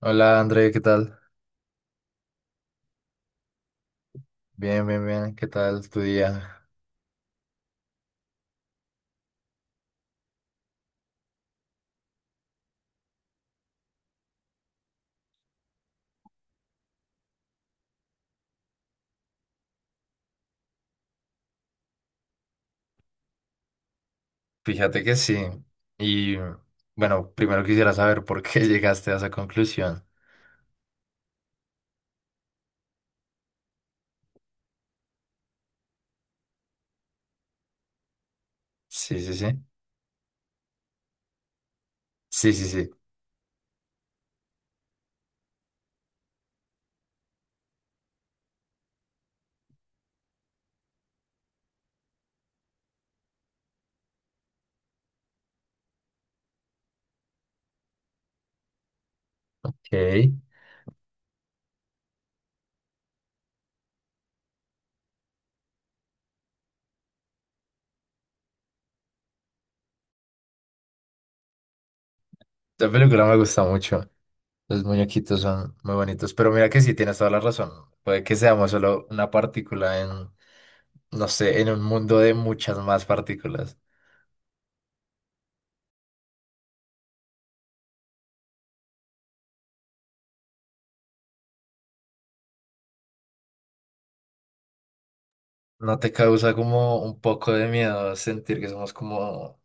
Hola André, ¿qué tal? Bien, bien, bien, ¿qué tal tu día? Fíjate que sí. Y bueno, primero quisiera saber por qué llegaste a esa conclusión. Sí, sí, sí. Sí, sí, sí. Ok. Esta película me gusta mucho. Los muñequitos son muy bonitos. Pero mira que sí, tienes toda la razón. Puede que seamos solo una partícula en, no sé, en un mundo de muchas más partículas. ¿No te causa como un poco de miedo sentir que somos como,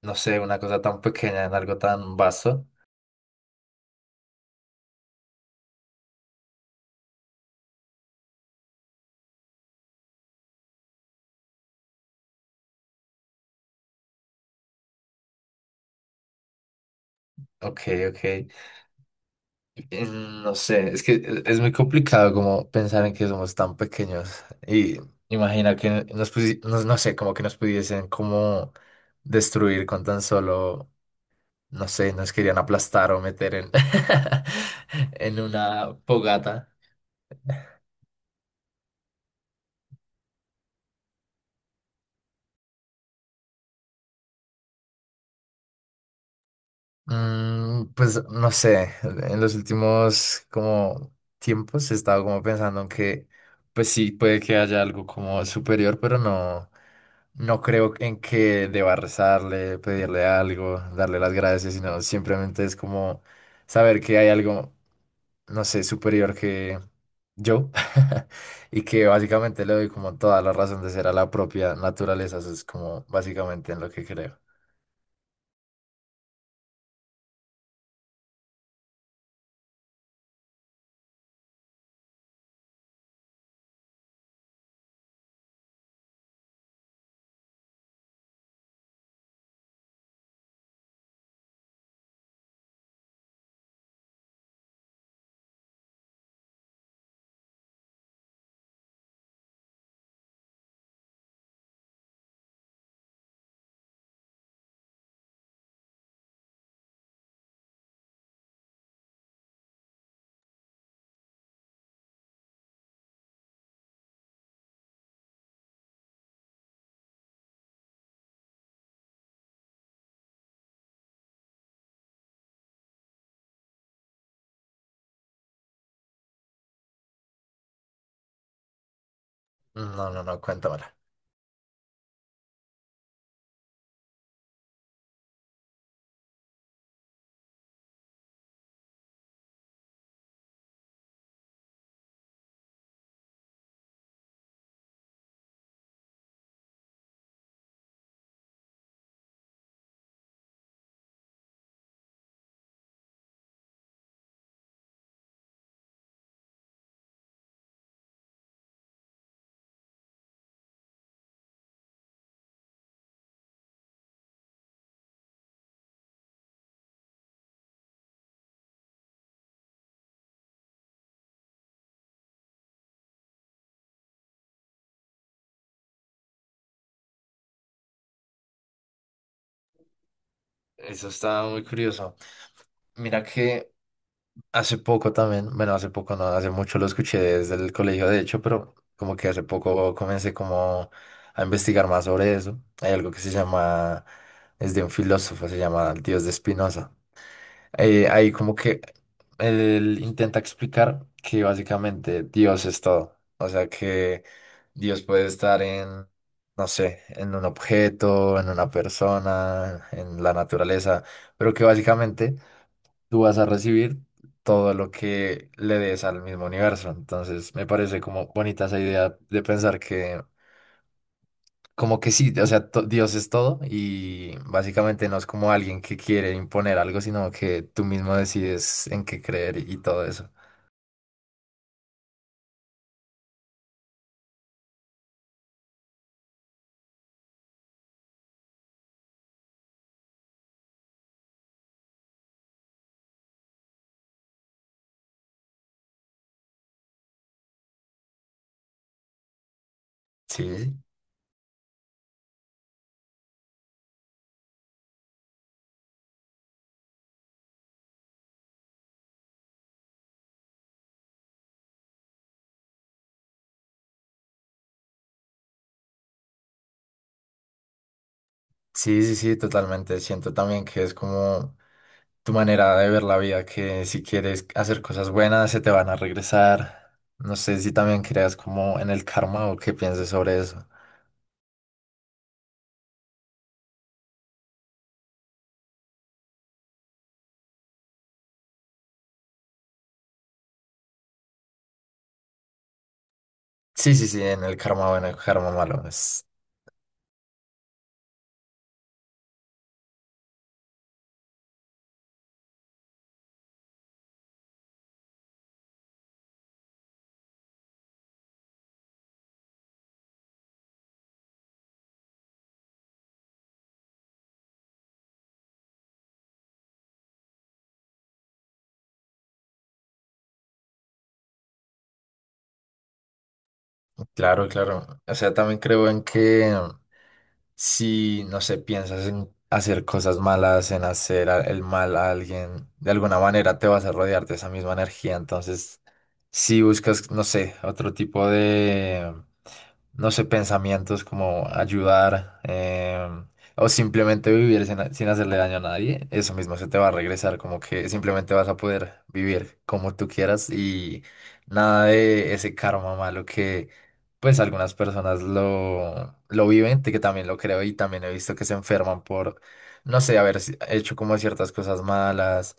no sé, una cosa tan pequeña en algo tan vasto? Ok, ok. Eh, No sé, es que es muy complicado como pensar en que somos tan pequeños. Y imagina que no, no sé, como que nos pudiesen como destruir con tan solo, no sé, nos querían aplastar o meter en, en una fogata. Mm, pues no sé, en los últimos como tiempos he estado como pensando en que pues sí puede que haya algo como superior, pero no, no creo en que deba rezarle, pedirle algo, darle las gracias, sino simplemente es como saber que hay algo, no sé, superior que yo y que básicamente le doy como toda la razón de ser a la propia naturaleza, eso es como básicamente en lo que creo. No, no, no, cuéntamela. Eso está muy curioso. Mira que hace poco también, bueno, hace poco no, hace mucho lo escuché desde el colegio, de hecho, pero como que hace poco comencé como a investigar más sobre eso. Hay algo que se llama, es de un filósofo, se llama el Dios de Spinoza. Ahí como que él intenta explicar que básicamente Dios es todo. O sea que Dios puede estar en, no sé, en un objeto, en una persona, en la naturaleza, pero que básicamente tú vas a recibir todo lo que le des al mismo universo. Entonces, me parece como bonita esa idea de pensar que, como que sí, o sea, Dios es todo y básicamente no es como alguien que quiere imponer algo, sino que tú mismo decides en qué creer y todo eso. Sí, sí, sí, sí, totalmente. Siento también que es como tu manera de ver la vida, que si quieres hacer cosas buenas, se te van a regresar. No sé si también creas como en el karma o qué pienses sobre eso. Sí, sí, sí, en el karma bueno, el karma malo. Es, claro, claro. O sea, también creo en que si, no sé, piensas en hacer cosas malas, en hacer el mal a alguien, de alguna manera te vas a rodear de esa misma energía. Entonces, si buscas, no sé, otro tipo, no sé, pensamientos como ayudar, o simplemente vivir sin, sin hacerle daño a nadie, eso mismo se te va a regresar, como que simplemente vas a poder vivir como tú quieras y nada de ese karma malo que pues algunas personas lo viven, que también lo creo y también he visto que se enferman por, no sé, haber hecho como ciertas cosas malas,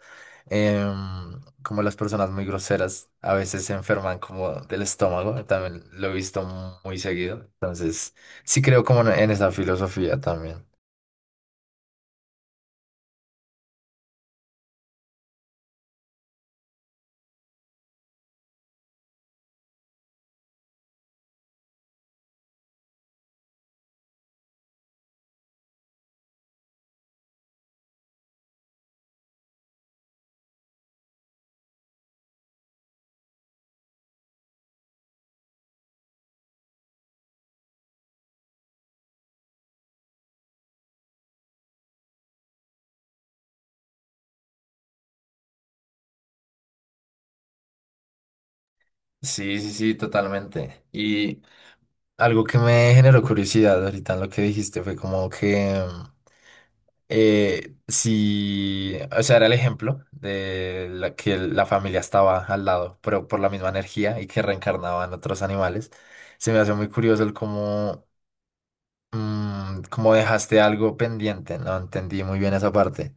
como las personas muy groseras a veces se enferman como del estómago, también lo he visto muy seguido. Entonces, sí creo como en esa filosofía también. Sí, sí, sí, totalmente. Y algo que me generó curiosidad ahorita en lo que dijiste fue como que si, o sea, era el ejemplo de la que la familia estaba al lado, pero por la misma energía y que reencarnaban otros animales. Se me hace muy curioso el cómo. Mm, como dejaste algo pendiente, no entendí muy bien esa parte.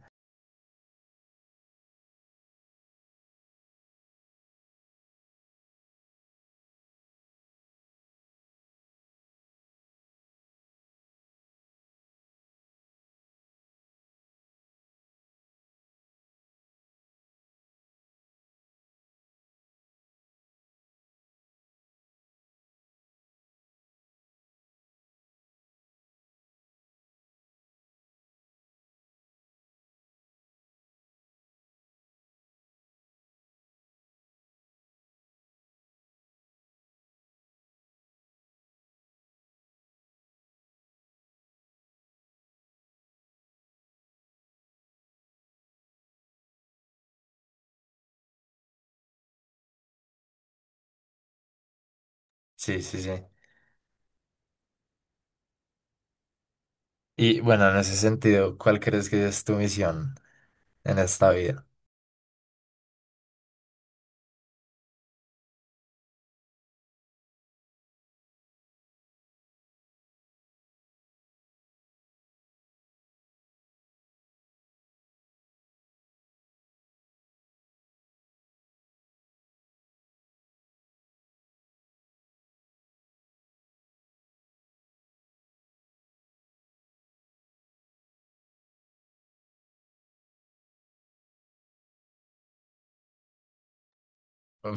Sí, sí, sí. Y bueno, en ese sentido, ¿cuál crees que es tu misión en esta vida?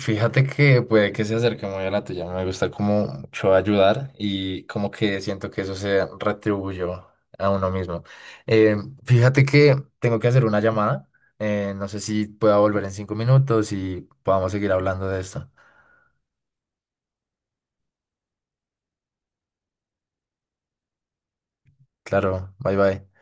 Fíjate que puede que se acerque muy a la tuya. Me gusta como mucho ayudar y como que siento que eso se retribuyó a uno mismo. Eh, Fíjate que tengo que hacer una llamada. No sé si pueda volver en 5 minutos y podamos seguir hablando de esto. Claro, bye bye.